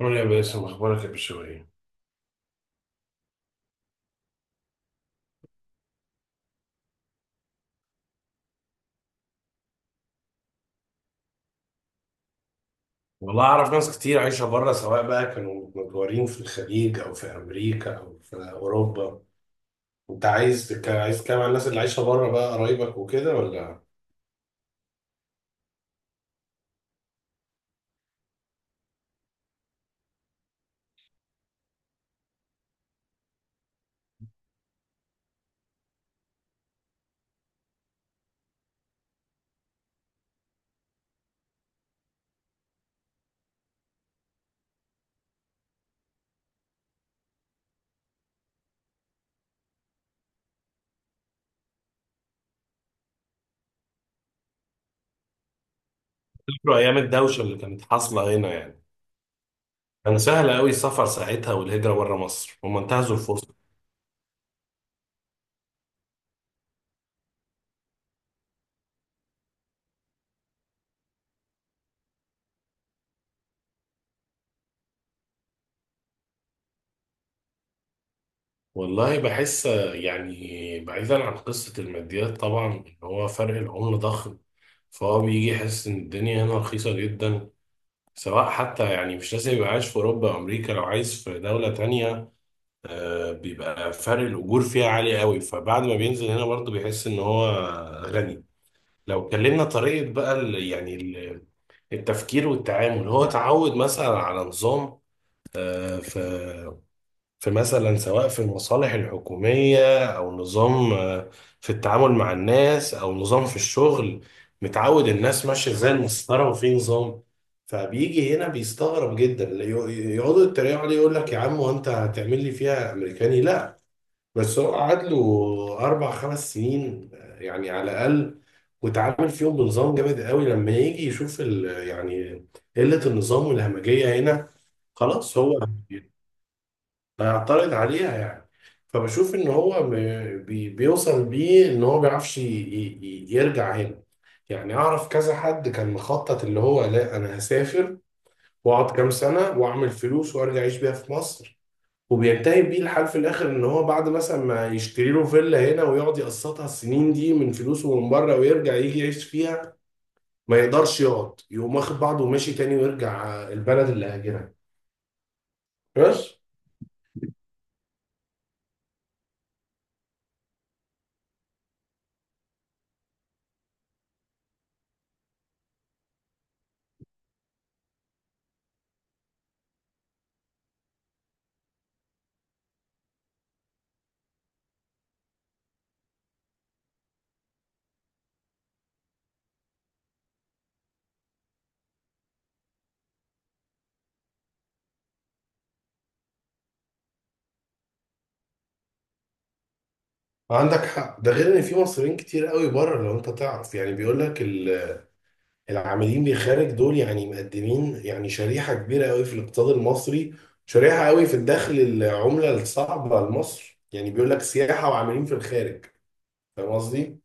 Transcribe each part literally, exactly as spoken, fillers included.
قول يا باسم، اخبارك يا بشوية. والله اعرف ناس كتير عايشه بره، سواء بقى كانوا متجوهرين في الخليج او في امريكا او في اوروبا. انت عايز تك... عايز تتكلم عن الناس اللي عايشه بره بقى، قرايبك وكده ولا فاكروا ايام الدوشه اللي كانت حاصله هنا يعني؟ كان سهل قوي السفر ساعتها، والهجره بره مصر هم انتهزوا الفرصه. والله بحس، يعني بعيدا عن قصه الماديات طبعا، ان هو فرق العمله ضخم، فهو بيجي يحس ان الدنيا هنا رخيصه جدا، سواء حتى يعني مش لازم يبقى عايش في أوروبا أو أمريكا، لو عايز في دولة تانية آه، بيبقى فرق الأجور فيها عالي قوي، فبعد ما بينزل هنا برضه بيحس إن هو غني. لو اتكلمنا طريقة بقى ال- يعني ال- التفكير والتعامل، هو اتعود مثلا على نظام، آه، في في مثلا سواء في المصالح الحكومية، أو نظام آه، في التعامل مع الناس، أو نظام في الشغل. متعود الناس ماشية زي المسطرة وفي نظام، فبيجي هنا بيستغرب جدا، يق- يقعدوا يتريقوا عليه، يقول لك يا عم وأنت هتعمل لي فيها أمريكاني؟ لا. بس هو قعد له أربع خمس سنين، آه، يعني على الأقل، وتعامل فيهم بنظام جامد قوي. لما يجي يشوف ال- يعني قلة النظام والهمجية هنا، خلاص هو هيعترض عليها يعني. فبشوف ان هو م- بي- بيوصل بيه ان هو ما بيعرفش ي- ي- يرجع هنا. يعني اعرف كذا حد كان مخطط اللي هو: لا، انا هسافر واقعد كام سنه واعمل فلوس وارجع اعيش بيها في مصر. وبينتهي بيه الحال في الاخر ان هو بعد مثلا ما يشتري له فيلا هنا ويقعد يقسطها السنين دي من فلوسه من بره، ويرجع يجي يعيش فيها، ما يقدرش يقعد، يقوم واخد بعضه وماشي تاني ويرجع البلد اللي هاجرها، بس. عندك حق، ده غير ان في مصريين كتير قوي بره، لو انت تعرف يعني، بيقول لك ال- العاملين بالخارج دول يعني مقدمين، يعني شريحة كبيرة قوي في الاقتصاد المصري، شريحة قوي في الدخل العملة الصعبة لمصر، يعني بيقول لك سياحة وعاملين في الخارج. فاهم قصدي؟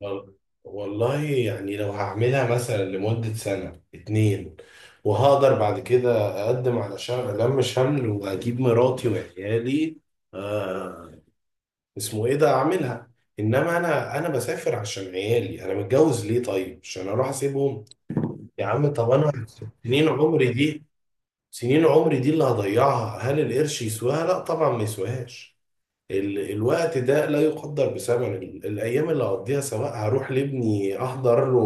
وال- والله يعني لو هعملها مثلا لمدة سنة اتنين، وهقدر بعد كده اقدم على شغل لم شمل واجيب مراتي وعيالي، آه، اسمه ايه ده، اعملها. انما انا انا بسافر عشان عيالي، انا متجوز ليه طيب؟ عشان اروح اسيبهم؟ يا عم طب انا سنين عمري دي، سنين عمري دي اللي هضيعها، هل القرش يسواها؟ لا طبعا، ما يسواهاش. ال- الوقت ده لا يقدر بثمن، ال- الايام اللي هقضيها، سواء هروح لابني احضر له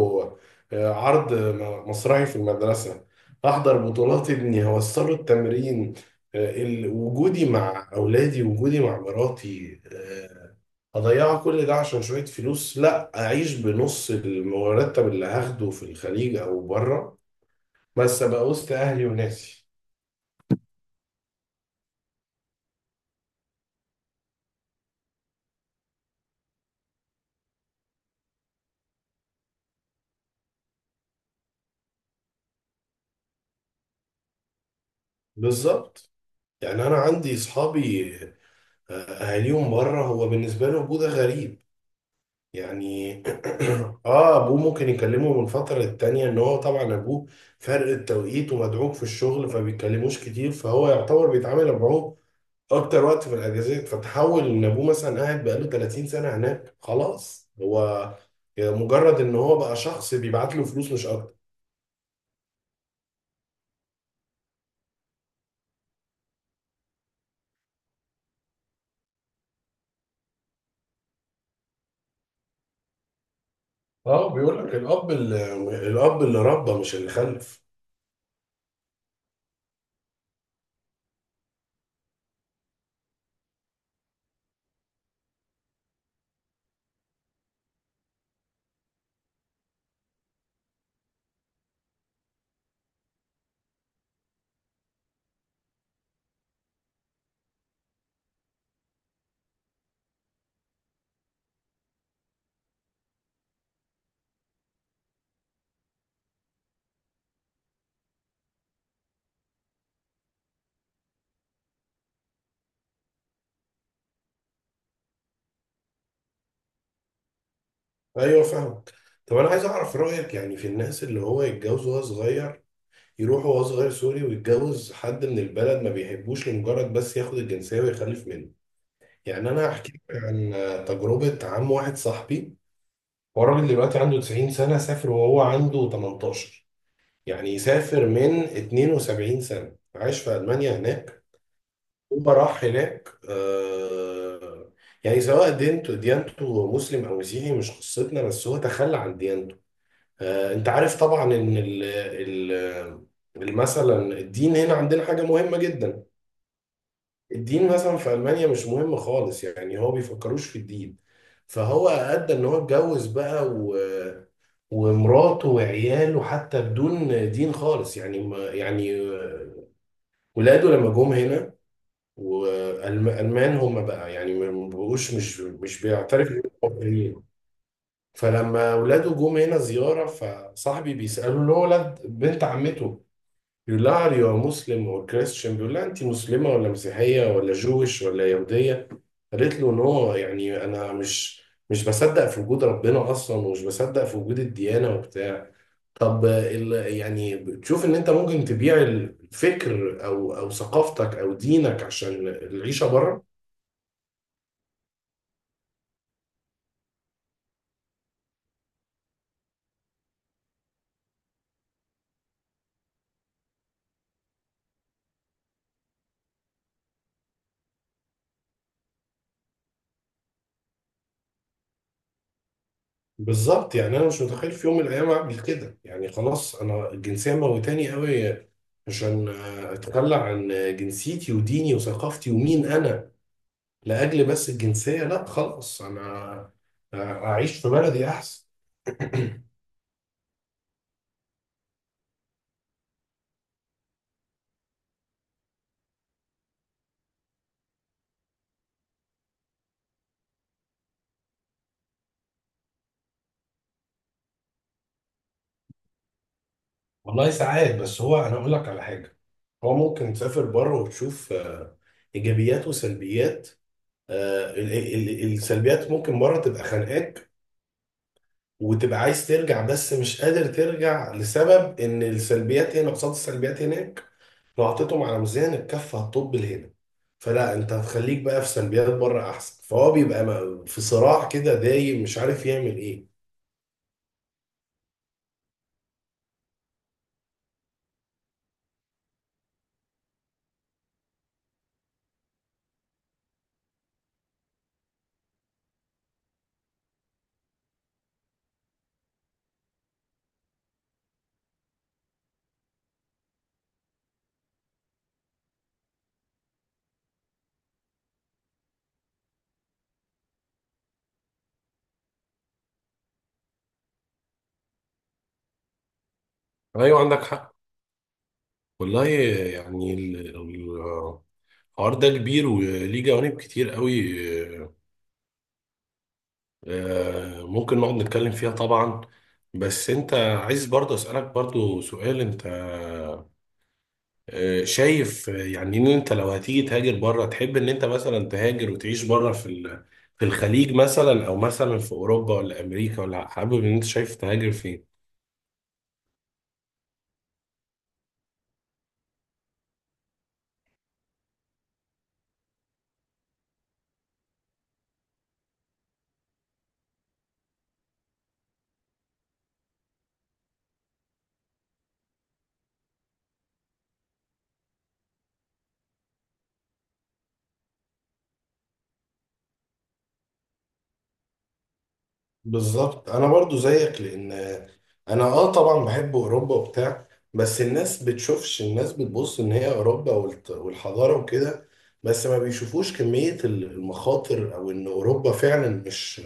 آه، عرض م- مسرحي في المدرسه، احضر بطولات ابني، هوصله التمرين، آه، ال- وجودي مع اولادي، وجودي مع مراتي، آه، اضيع كل ده عشان شويه فلوس؟ لا، اعيش بنص المرتب اللي هاخده في الخليج او بره، بس ابقى وسط اهلي وناسي. بالظبط، يعني انا عندي اصحابي آه، أهاليهم بره، هو بالنسبة له أبوه ده غريب يعني. آه أبوه ممكن يكلمه من فترة للتانية، إن هو طبعا أبوه فرق التوقيت ومدعوك في الشغل فبيتكلموش كتير، فهو يعتبر بيتعامل معاه أكتر وقت في الأجازات، فتحول إن أبوه مثلا قاعد بقاله تلاتين سنة هناك، خلاص هو مجرد إن هو بقى شخص بيبعت له فلوس، مش أكتر. آه بيقول لك الأب اللي، الأب اللي ربى مش اللي خلف. أيوه فاهم. طب أنا عايز أعرف رأيك يعني في الناس اللي هو يتجوز وهو صغير، يروح وهو صغير سوري ويتجوز حد من البلد ما بيحبوش لمجرد بس ياخد الجنسية ويخلف منه. يعني أنا هحكي لك عن تجربة عم واحد صاحبي. هو راجل دلوقتي عنده تسعين سنة، سافر وهو عنده تمنتاشر، يعني سافر من اتنين وسبعين سنة، عاش في ألمانيا هناك. هو راح هناك، آه، يعني سواء دينته ديانته مسلم أو مسيحي مش قصتنا، بس هو تخلى عن ديانته. آه، انت عارف طبعا ان ال ال مثلا الدين هنا عندنا حاجة مهمة جدا. الدين مثلا في ألمانيا مش مهم خالص، يعني هو بيفكروش في الدين. فهو أدى ان هو اتجوز بقى و ومراته وعياله حتى بدون دين خالص، يعني ما يعني آه، ولاده لما جم هنا، والألمان هم بقى يعني ما بقوش مش مش بيعترفوا إن هم مسيحيين. فلما ولاده جم هنا زيارة، فصاحبي بيسأله، له ولد بنت عمته، بيقول لها are you a Muslim or Christian، بيقول لها انت مسلمة ولا مسيحية ولا جويش ولا يهودية؟ قالت له نو، يعني انا مش مش بصدق في وجود ربنا اصلا، ومش بصدق في وجود الديانة وبتاع. طب ال يعني بتشوف ان انت ممكن تبيع الفكر او او ثقافتك او دينك عشان العيشة بره؟ بالظبط، يعني انا مش متخيل في يوم من الايام اعمل كده، يعني خلاص، انا الجنسية موتاني قوي عشان اتخلى عن جنسيتي وديني وثقافتي ومين انا لاجل بس الجنسيه؟ لا خلاص، انا اعيش في بلدي احسن. والله ساعات، بس هو انا اقول لك على حاجه: هو ممكن تسافر بره وتشوف آه، ايجابيات وسلبيات، آه، ال- ال- ال- السلبيات ممكن بره تبقى خانقاك، وتبقى عايز ترجع بس مش قادر ترجع، لسبب ان السلبيات هنا قصاد السلبيات هناك، لو حطيتهم على ميزان الكف هتطب لهنا، فلا انت هتخليك بقى في سلبيات بره احسن، فهو بيبقى م- في صراع كده دايم مش عارف يعمل ايه. ايوه عندك حق. والله يعني ال- ال- الحوار ده كبير وليه جوانب كتير قوي، آه، ممكن نقعد نتكلم فيها طبعا. بس انت عايز، برضه اسألك برضه سؤال: انت آه، شايف يعني ان انت لو هتيجي تهاجر بره، تحب ان انت مثلا تهاجر وتعيش بره في ال- في الخليج مثلا، او مثلا في اوروبا ولا امريكا، ولا حابب، ان انت شايف تهاجر فين؟ بالظبط انا برضو زيك، لان انا اه طبعا بحب اوروبا وبتاع، بس الناس بتشوفش، الناس بتبص ان هي اوروبا والت- والحضاره وكده، بس ما بيشوفوش كميه ال- المخاطر، او ان اوروبا فعلا مش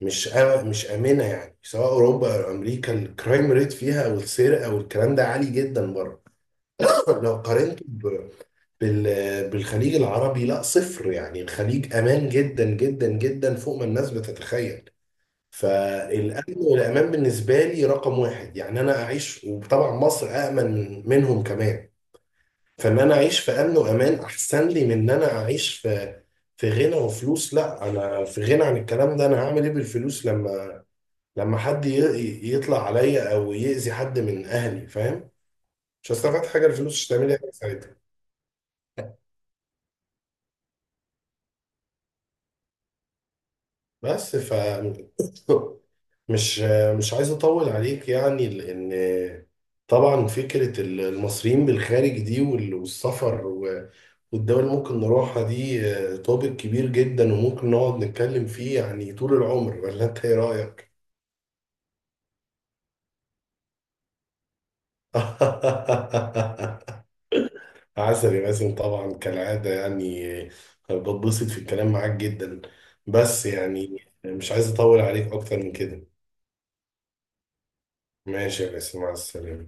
مش آ- مش امنه، يعني سواء اوروبا او امريكا الكرايم ريت فيها او السرقه او الكلام ده عالي جدا بره. لو قارنته ب- بال- بالخليج العربي، لا صفر، يعني الخليج امان جدا جدا جدا فوق ما الناس بتتخيل. فالأمن والأمان بالنسبة لي رقم واحد، يعني أنا أعيش، وطبعا مصر أأمن من- منهم كمان. فإن أنا أعيش في أمن وأمان أحسن لي من إن أنا أعيش في في غنى وفلوس، لا أنا في غنى عن الكلام ده. أنا هعمل إيه بالفلوس لما لما حد ي- ي- يطلع عليا أو يأذي حد من أهلي؟ فاهم، مش هستفاد حاجة، الفلوس مش هتعمل لي حاجة ساعتها. بس ف مش مش عايز اطول عليك يعني، لان طبعا فكره المصريين بالخارج دي وال- والسفر و- والدول اللي ممكن نروحها دي، توبيك كبير جدا وممكن نقعد نتكلم فيه يعني طول العمر، ولا انت ايه رايك؟ عسل يا باسم، طبعا كالعاده يعني آه، بتبسط في الكلام معاك جدا، بس يعني مش عايز اطول عليك اكتر من كده. ماشي يا باسم، مع السلامه.